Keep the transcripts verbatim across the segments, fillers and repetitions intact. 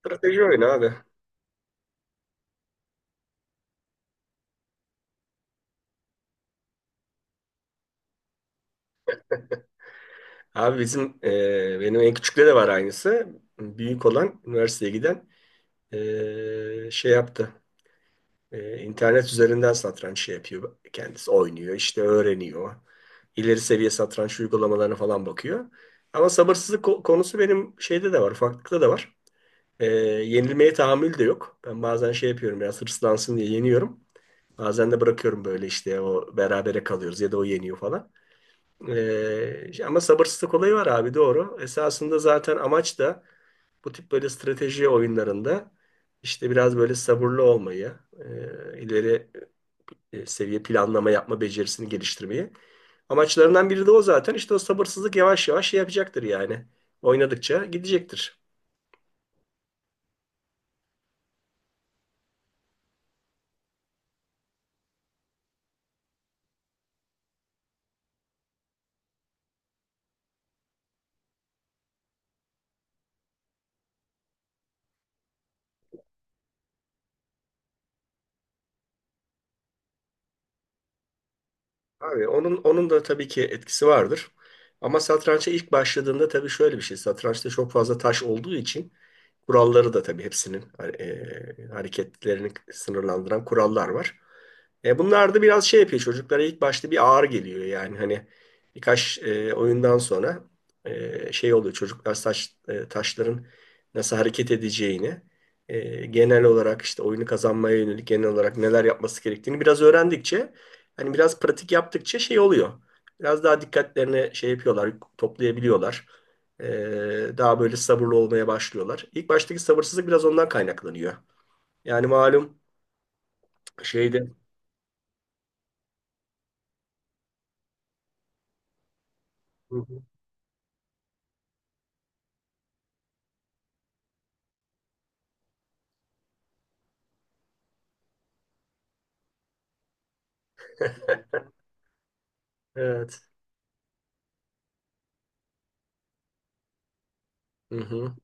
Strateji oyunu abi. Abi bizim e, benim en küçükte de var aynısı. Büyük olan üniversiteye giden e, şey yaptı. E, internet üzerinden satranç şey yapıyor kendisi. Oynuyor işte öğreniyor. İleri seviye satranç uygulamalarına falan bakıyor. Ama sabırsızlık ko- konusu benim şeyde de var. Ufaklıkta da var. E, Yenilmeye tahammül de yok. Ben bazen şey yapıyorum biraz hırslansın diye yeniyorum. Bazen de bırakıyorum böyle işte o berabere kalıyoruz ya da o yeniyor falan. Ee, ama sabırsızlık olayı var abi, doğru. Esasında zaten amaç da bu tip böyle strateji oyunlarında işte biraz böyle sabırlı olmayı, e, ileri e, seviye planlama yapma becerisini geliştirmeyi. Amaçlarından biri de o zaten. İşte o sabırsızlık yavaş yavaş şey yapacaktır yani. Oynadıkça gidecektir. Abi onun onun da tabii ki etkisi vardır. Ama satrança ilk başladığında tabii şöyle bir şey: satrançta çok fazla taş olduğu için kuralları da tabii hepsinin e, hareketlerini sınırlandıran kurallar var. E, bunlar da biraz şey yapıyor çocuklara, ilk başta bir ağır geliyor yani, hani birkaç e, oyundan sonra e, şey oluyor çocuklar taş, e, taşların nasıl hareket edeceğini, e, genel olarak işte oyunu kazanmaya yönelik genel olarak neler yapması gerektiğini biraz öğrendikçe, hani biraz pratik yaptıkça şey oluyor. Biraz daha dikkatlerini şey yapıyorlar, toplayabiliyorlar. Ee, daha böyle sabırlı olmaya başlıyorlar. İlk baştaki sabırsızlık biraz ondan kaynaklanıyor. Yani malum şeyde... Hı hı. Evet. Hı hı.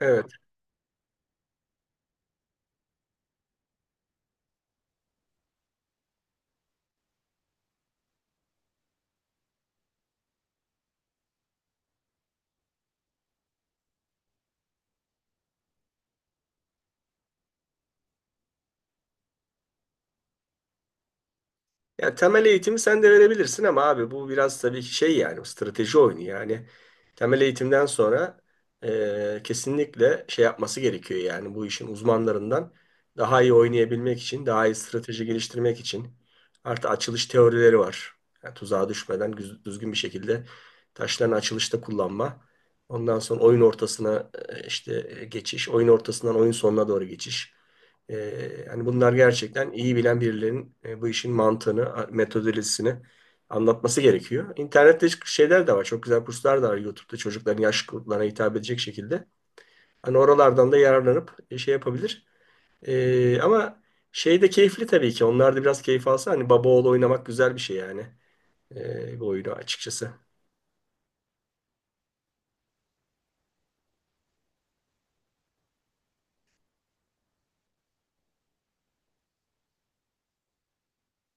Evet. Ya, temel eğitimi sen de verebilirsin ama abi bu biraz tabii şey yani, strateji oyunu yani. Temel eğitimden sonra e, kesinlikle şey yapması gerekiyor yani, bu işin uzmanlarından, daha iyi oynayabilmek için, daha iyi strateji geliştirmek için. Artı açılış teorileri var. Yani tuzağa düşmeden güz- düzgün bir şekilde taşların açılışta kullanma. Ondan sonra oyun ortasına e, işte e, geçiş, oyun ortasından oyun sonuna doğru geçiş. Ee, hani bunlar gerçekten iyi bilen birilerinin e, bu işin mantığını, a- metodolojisini anlatması gerekiyor. İnternette şeyler de var. Çok güzel kurslar da var YouTube'da, çocukların yaş gruplarına hitap edecek şekilde. Hani oralardan da yararlanıp e, şey yapabilir. Ee, ama şey de keyifli tabii ki. Onlar da biraz keyif alsa, hani baba oğlu oynamak güzel bir şey yani. Ee, bu oyunu açıkçası.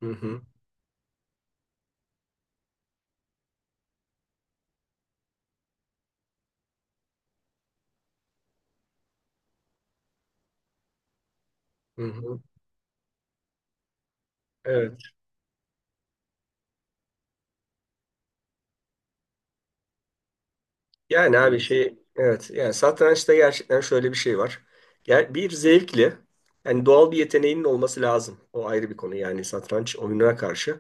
Hı hı, hı hı. Evet. Yani abi şey, evet, yani satrançta gerçekten şöyle bir şey var. Yani bir zevkli, yani doğal bir yeteneğinin olması lazım. O ayrı bir konu yani, satranç oyununa karşı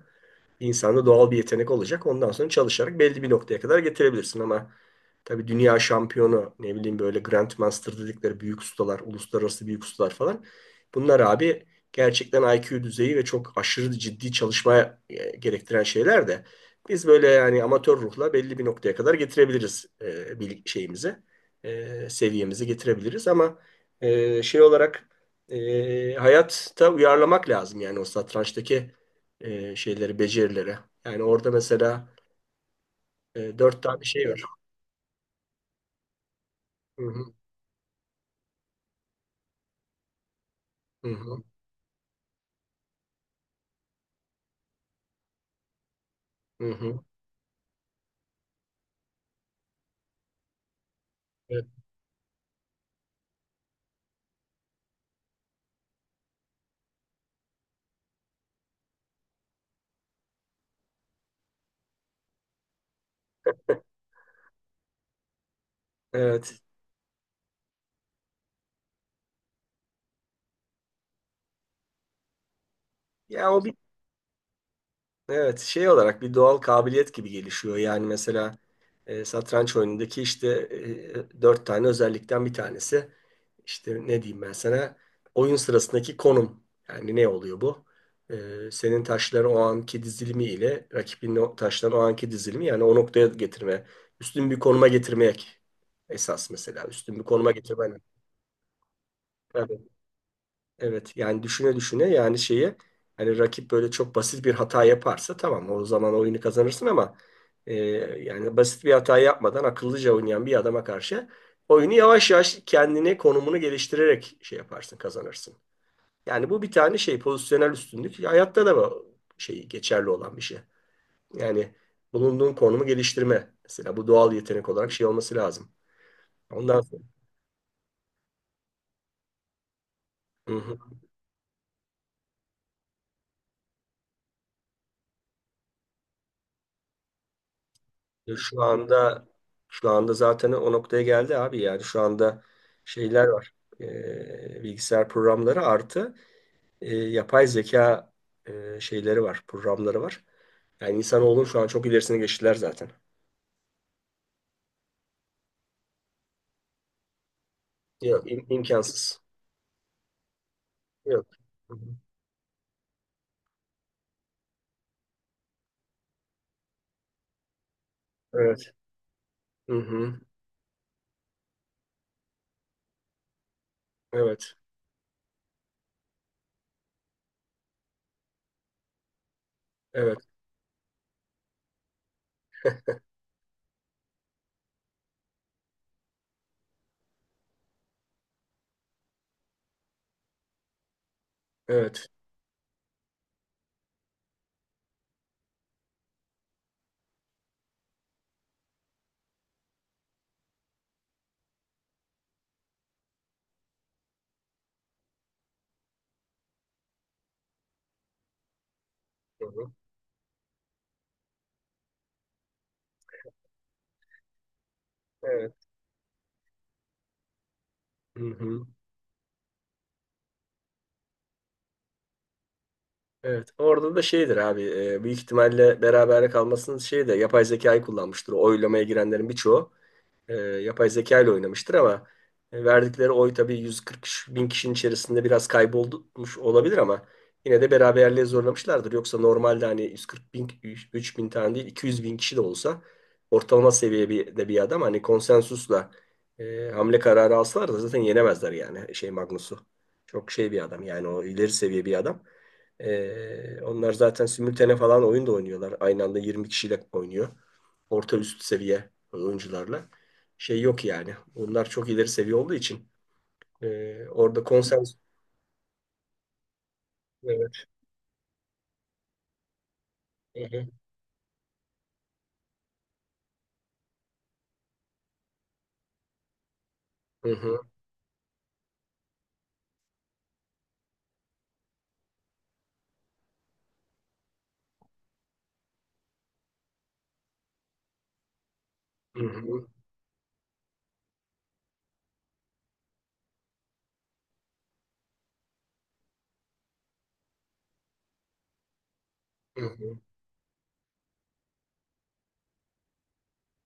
insanda doğal bir yetenek olacak. Ondan sonra çalışarak belli bir noktaya kadar getirebilirsin ama tabii dünya şampiyonu, ne bileyim, böyle Grandmaster dedikleri büyük ustalar, uluslararası büyük ustalar falan. Bunlar abi gerçekten I Q düzeyi ve çok aşırı ciddi çalışma e, gerektiren şeyler de biz böyle yani amatör ruhla belli bir noktaya kadar getirebiliriz, e, bil- şeyimizi, e, seviyemizi getirebiliriz ama e, şey olarak e, hayatta uyarlamak lazım yani, o satrançtaki e, şeyleri, becerileri. Yani orada mesela e, dört tane şey var. Hı hı, hı hı. Hı hı. Evet. Evet. Ya o bir, evet, şey olarak bir doğal kabiliyet gibi gelişiyor. Yani mesela e, satranç oyunundaki işte e, dört tane özellikten bir tanesi işte, ne diyeyim ben sana, oyun sırasındaki konum. Yani ne oluyor bu? E, senin taşların o anki dizilimi ile rakibin o taşların o anki dizilimi, yani o noktaya getirme, üstün bir konuma getirmek esas mesela, üstün bir konuma getirmen. Evet yani düşüne düşüne, yani şeyi, hani rakip böyle çok basit bir hata yaparsa tamam, o zaman oyunu kazanırsın ama e, yani basit bir hata yapmadan akıllıca oynayan bir adama karşı oyunu yavaş yavaş kendini, konumunu geliştirerek şey yaparsın, kazanırsın. Yani bu bir tane şey, pozisyonel üstünlük, hayatta da bu şey geçerli olan bir şey. Yani bulunduğun konumu geliştirme mesela, bu doğal yetenek olarak şey olması lazım. Ondan sonra. Hı hı. Ya, Şu anda şu anda zaten o noktaya geldi abi, yani şu anda şeyler var. Ee, bilgisayar programları artı e, yapay zeka e, şeyleri var, programları var. Yani insanoğlunun şu an çok ilerisine geçtiler zaten. Yok, im- imkansız. Yok. Hı hı. Evet. Hı hı. Evet. Evet. Evet. Hı hı. Evet. Hı hı. Evet. Orada da şeydir abi. E, büyük ihtimalle beraber kalmasının şeyi de, yapay zekayı kullanmıştır o oylamaya girenlerin birçoğu. E, yapay zeka ile oynamıştır ama e, verdikleri oy tabii yüz kırk bin kişinin içerisinde biraz kaybolmuş olabilir ama yine de beraberliğe zorlamışlardır. Yoksa normalde hani yüz kırk bin, üç bin tane değil, iki yüz bin kişi de olsa ortalama seviye bir, de bir adam, hani konsensusla e, hamle kararı alsalar da zaten yenemezler yani şey Magnus'u. Çok şey bir adam yani, o ileri seviye bir adam. E, onlar zaten simültane falan oyun da oynuyorlar. Aynı anda yirmi kişiyle oynuyor. Orta üst seviye oyuncularla şey yok yani. Bunlar çok ileri seviye olduğu için e, orada konsens. Evet. Hı hı, hı hı, hı hı, hı hı.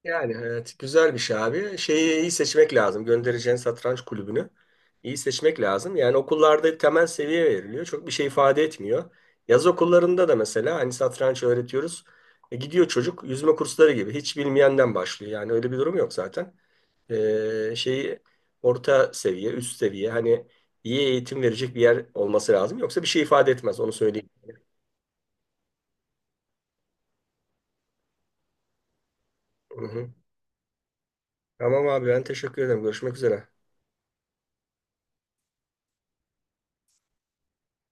Yani evet, güzel bir şey abi. Şeyi iyi seçmek lazım. Göndereceğin satranç kulübünü iyi seçmek lazım. Yani okullarda temel seviye veriliyor. Çok bir şey ifade etmiyor. Yaz okullarında da mesela hani satranç öğretiyoruz. E, gidiyor çocuk, yüzme kursları gibi. Hiç bilmeyenden başlıyor. Yani öyle bir durum yok zaten. E, şeyi orta seviye, üst seviye, hani iyi eğitim verecek bir yer olması lazım. Yoksa bir şey ifade etmez, onu söyleyeyim. Hı hı. Tamam abi, ben teşekkür ederim. Görüşmek üzere.